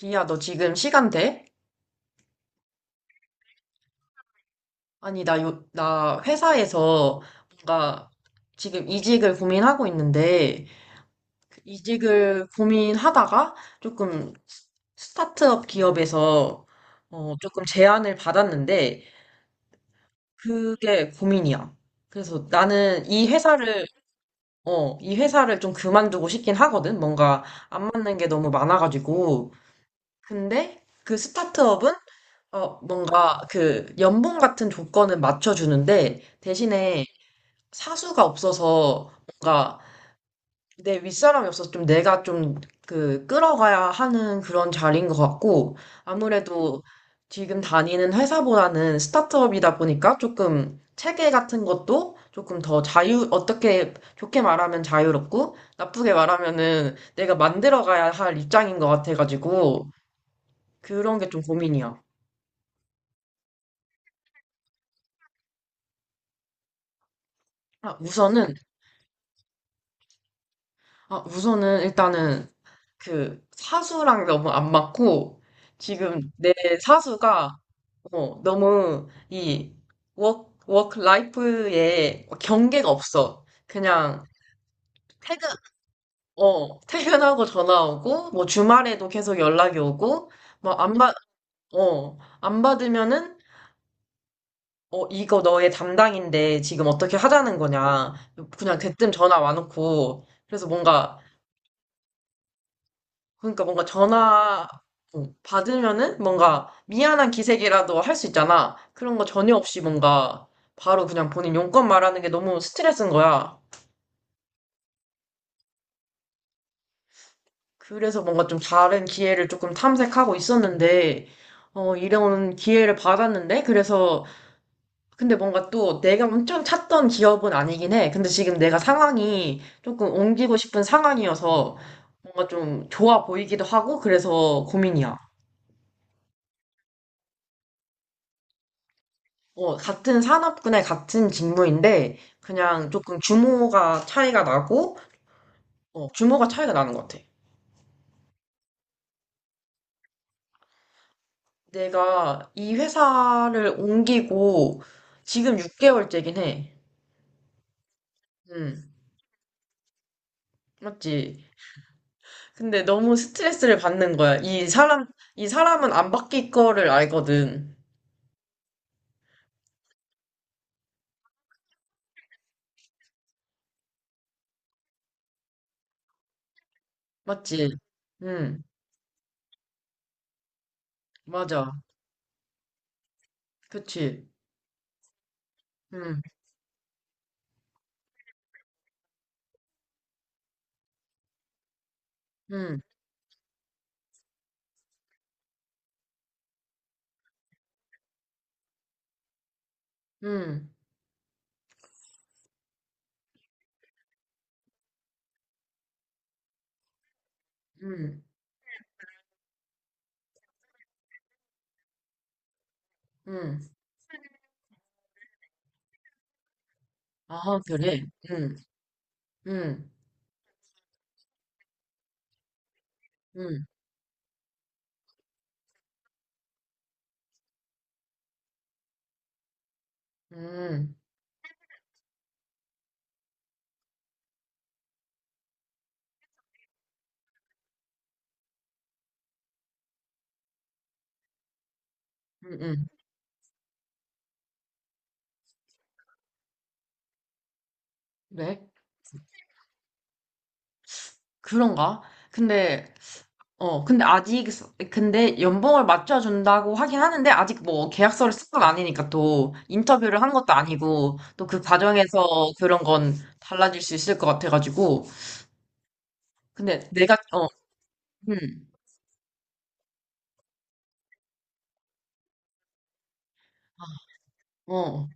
비야, 너 지금 시간 돼? 아니, 나 회사에서 뭔가 지금 이직을 고민하고 있는데, 그 이직을 고민하다가 조금 스타트업 기업에서 조금 제안을 받았는데, 그게 고민이야. 그래서 나는 이 회사를 좀 그만두고 싶긴 하거든. 뭔가 안 맞는 게 너무 많아가지고. 근데 그 스타트업은 뭔가 그 연봉 같은 조건은 맞춰주는데 대신에 사수가 없어서 뭔가 내 윗사람이 없어서 좀 내가 좀 그 끌어가야 하는 그런 자리인 것 같고, 아무래도 지금 다니는 회사보다는 스타트업이다 보니까 조금 체계 같은 것도 조금 더 어떻게 좋게 말하면 자유롭고 나쁘게 말하면은 내가 만들어가야 할 입장인 것 같아가지고 그런 게 좀 고민이야. 아, 우선은 아, 우선은 일단은 그 사수랑 너무 안 맞고, 지금 내 사수가 너무 이 워크 라이프에 경계가 없어. 그냥 퇴근, 퇴근하고 전화 오고 뭐 주말에도 계속 연락이 오고 뭐 안 받으면은 이거 너의 담당인데 지금 어떻게 하자는 거냐. 그냥 대뜸 전화 와놓고. 그래서 뭔가 그러니까 뭔가 전화 받으면은 뭔가 미안한 기색이라도 할 수 있잖아. 그런 거 전혀 없이 뭔가 바로 그냥 본인 용건 말하는 게 너무 스트레스인 거야. 그래서 뭔가 좀 다른 기회를 조금 탐색하고 있었는데, 이런 기회를 받았는데, 그래서, 근데 뭔가 또 내가 엄청 찾던 기업은 아니긴 해. 근데 지금 내가 상황이 조금 옮기고 싶은 상황이어서 뭔가 좀 좋아 보이기도 하고, 그래서 고민이야. 어, 같은 산업군의 같은 직무인데, 그냥 조금 규모가 차이가 나고, 규모가 차이가 나는 것 같아. 내가 이 회사를 옮기고, 지금 6개월째긴 해. 음, 맞지? 근데 너무 스트레스를 받는 거야. 이 사람은 안 바뀔 거를 알거든. 맞지? 음, 맞아. 그치? 음, 음, 음, 음, 음. 아, 그래? 음, 음, 음, 음. 음, 음. 왜? 그런가? 근데, 근데 아직, 근데 연봉을 맞춰준다고 하긴 하는데, 아직 뭐 계약서를 쓴 건 아니니까 또 인터뷰를 한 것도 아니고, 또 그 과정에서 그런 건 달라질 수 있을 것 같아가지고. 근데 내가, 음, 어,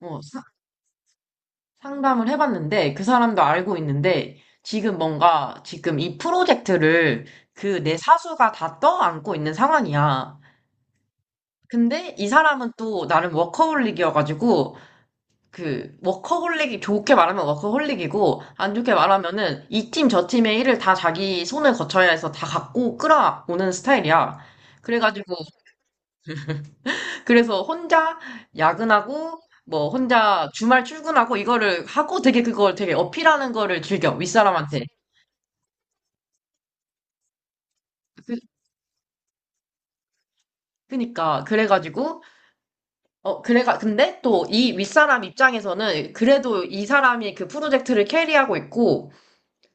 어, 사- 상담을 해봤는데, 그 사람도 알고 있는데, 지금 뭔가, 지금 이 프로젝트를 그 내 사수가 다 떠안고 있는 상황이야. 근데 이 사람은 또 나름 워커홀릭이어가지고, 그 워커홀릭이 좋게 말하면 워커홀릭이고 안 좋게 말하면은 이 팀 저 팀의 일을 다 자기 손을 거쳐야 해서 다 갖고 끌어오는 스타일이야. 그래가지고 그래서 혼자 야근하고 뭐 혼자 주말 출근하고, 이거를 하고 되게 그걸 되게 어필하는 거를 즐겨, 윗사람한테. 그, 그니까 그래가지고 어 그래가 근데 또 이 윗사람 입장에서는 그래도 이 사람이 그 프로젝트를 캐리하고 있고,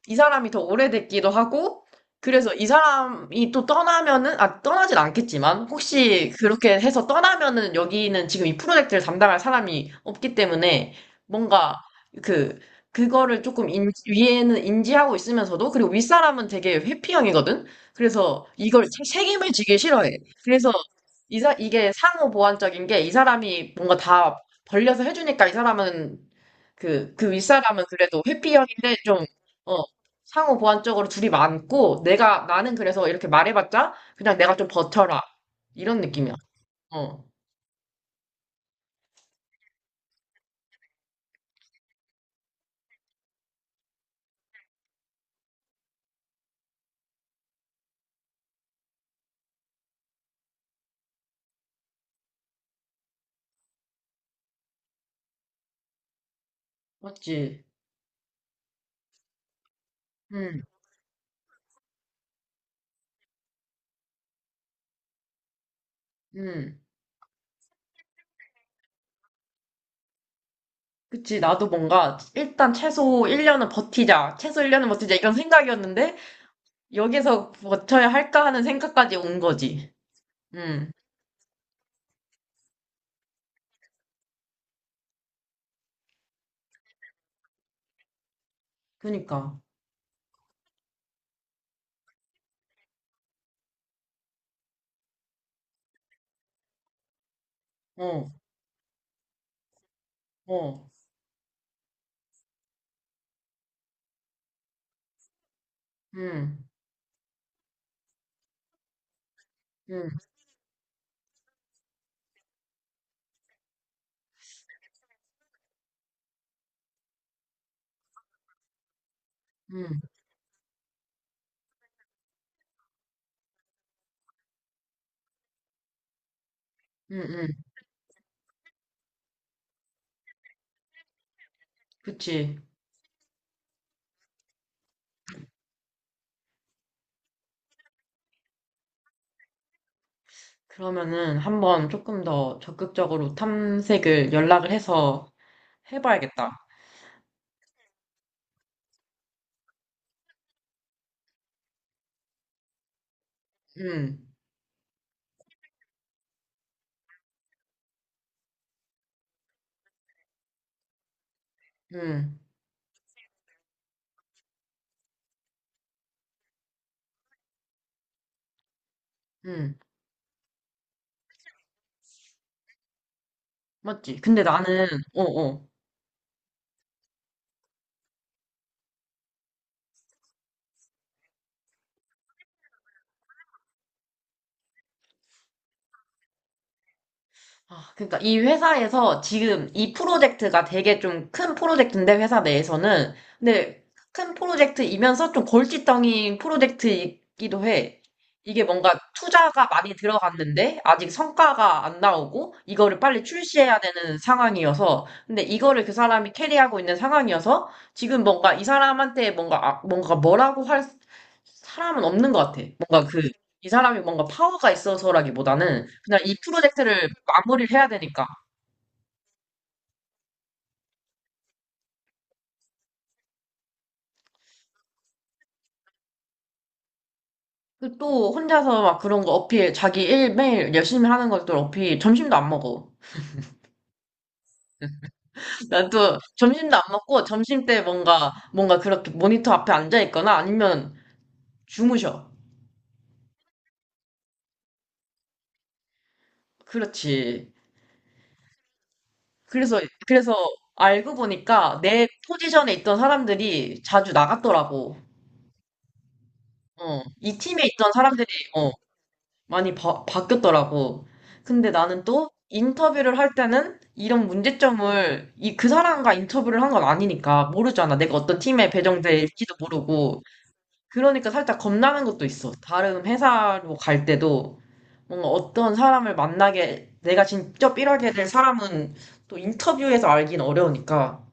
이 사람이 더 오래됐기도 하고, 그래서 이 사람이 또 떠나면은, 아, 떠나진 않겠지만, 혹시 그렇게 해서 떠나면은 여기는 지금 이 프로젝트를 담당할 사람이 없기 때문에, 뭔가 그, 그거를 위에는 인지하고 있으면서도, 그리고 윗사람은 되게 회피형이거든? 그래서 이걸 책임을 지기 싫어해. 그래서 이게 상호 보완적인 게 이 사람이 뭔가 다 벌려서 해주니까 이 사람은 그 윗사람은 그래도 회피형인데 좀, 어, 상호 보완적으로 둘이 많고, 나는 그래서 이렇게 말해봤자, 그냥 내가 좀 버텨라. 이런 느낌이야. 어, 맞지? 응, 응. 그치, 나도 뭔가, 일단 최소 1년은 버티자. 최소 1년은 버티자. 이런 생각이었는데, 여기서 버텨야 할까 하는 생각까지 온 거지. 응, 그니까. 어, 어, 응, 응, 응, 응, 응. 그치. 그러면은 한번 조금 더 적극적으로 탐색을 연락을 해서 해봐야겠다. 음, 응, 응, 맞지? 근데 나는, 어, 어, 아, 그러니까 이 회사에서 지금 이 프로젝트가 되게 좀 큰 프로젝트인데 회사 내에서는, 근데 큰 프로젝트이면서 좀 골칫덩이 프로젝트이기도 해. 이게 뭔가 투자가 많이 들어갔는데 아직 성과가 안 나오고 이거를 빨리 출시해야 되는 상황이어서, 근데 이거를 그 사람이 캐리하고 있는 상황이어서 지금 뭔가 이 사람한테 뭔가 뭔가 뭐라고 할 사람은 없는 것 같아. 뭔가 그 이 사람이 뭔가 파워가 있어서라기보다는 그냥 이 프로젝트를 마무리를 해야 되니까. 그또 혼자서 막 그런 거 어필, 자기 일 매일 열심히 하는 것들 어필, 점심도 안 먹어. 난 또 점심도 안 먹고 점심 때 뭔가, 그렇게 모니터 앞에 앉아 있거나 아니면 주무셔. 그렇지. 그래서, 그래서 알고 보니까 내 포지션에 있던 사람들이 자주 나갔더라고. 어, 이 팀에 있던 사람들이, 어, 많이 바, 바뀌었더라고. 근데 나는 또 인터뷰를 할 때는 이런 문제점을 이, 그 사람과 인터뷰를 한 건 아니니까 모르잖아. 내가 어떤 팀에 배정될지도 모르고. 그러니까 살짝 겁나는 것도 있어. 다른 회사로 갈 때도 뭔가 어떤 사람을 만나게, 내가 직접 일하게 될 사람은 또 인터뷰에서 알긴 어려우니까.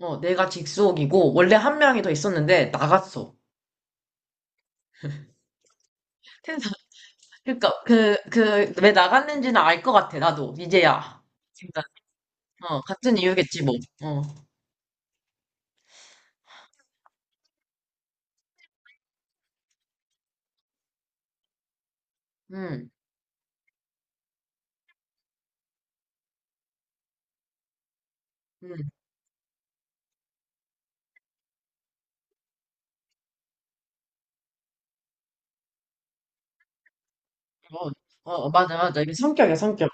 어, 내가 직속이고 원래 한 명이 더 있었는데 나갔어. 그러니까 그 왜 나갔는지는 알 것 같아, 나도 이제야. 그러니까 같은 이유겠지. 뭐어음음어어 맞아 맞아, 이게 성격이야, 성격.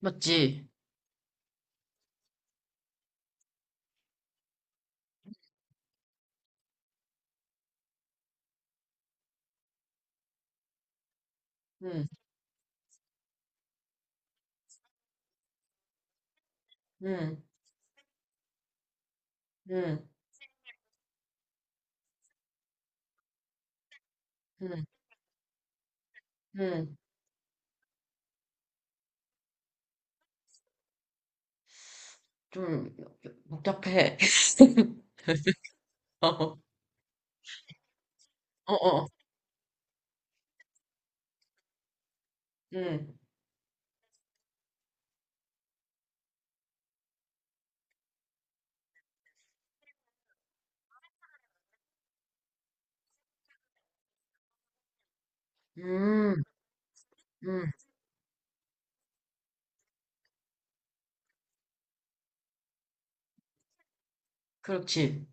맞지. 음음음음 음 좀 복잡해. 어어어음음음 그렇지.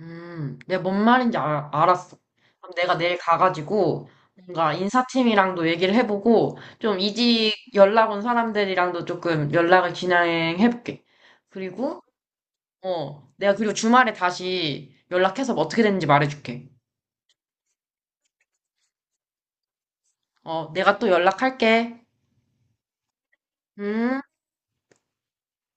내가 뭔 말인지 알았어. 그럼 내가 내일 가가지고 뭔가 인사팀이랑도 얘기를 해보고 좀 이직 연락 온 사람들이랑도 조금 연락을 진행해볼게. 그리고 내가, 그리고 주말에 다시 연락해서 뭐 어떻게 됐는지 말해줄게. 내가 또 연락할게. 음.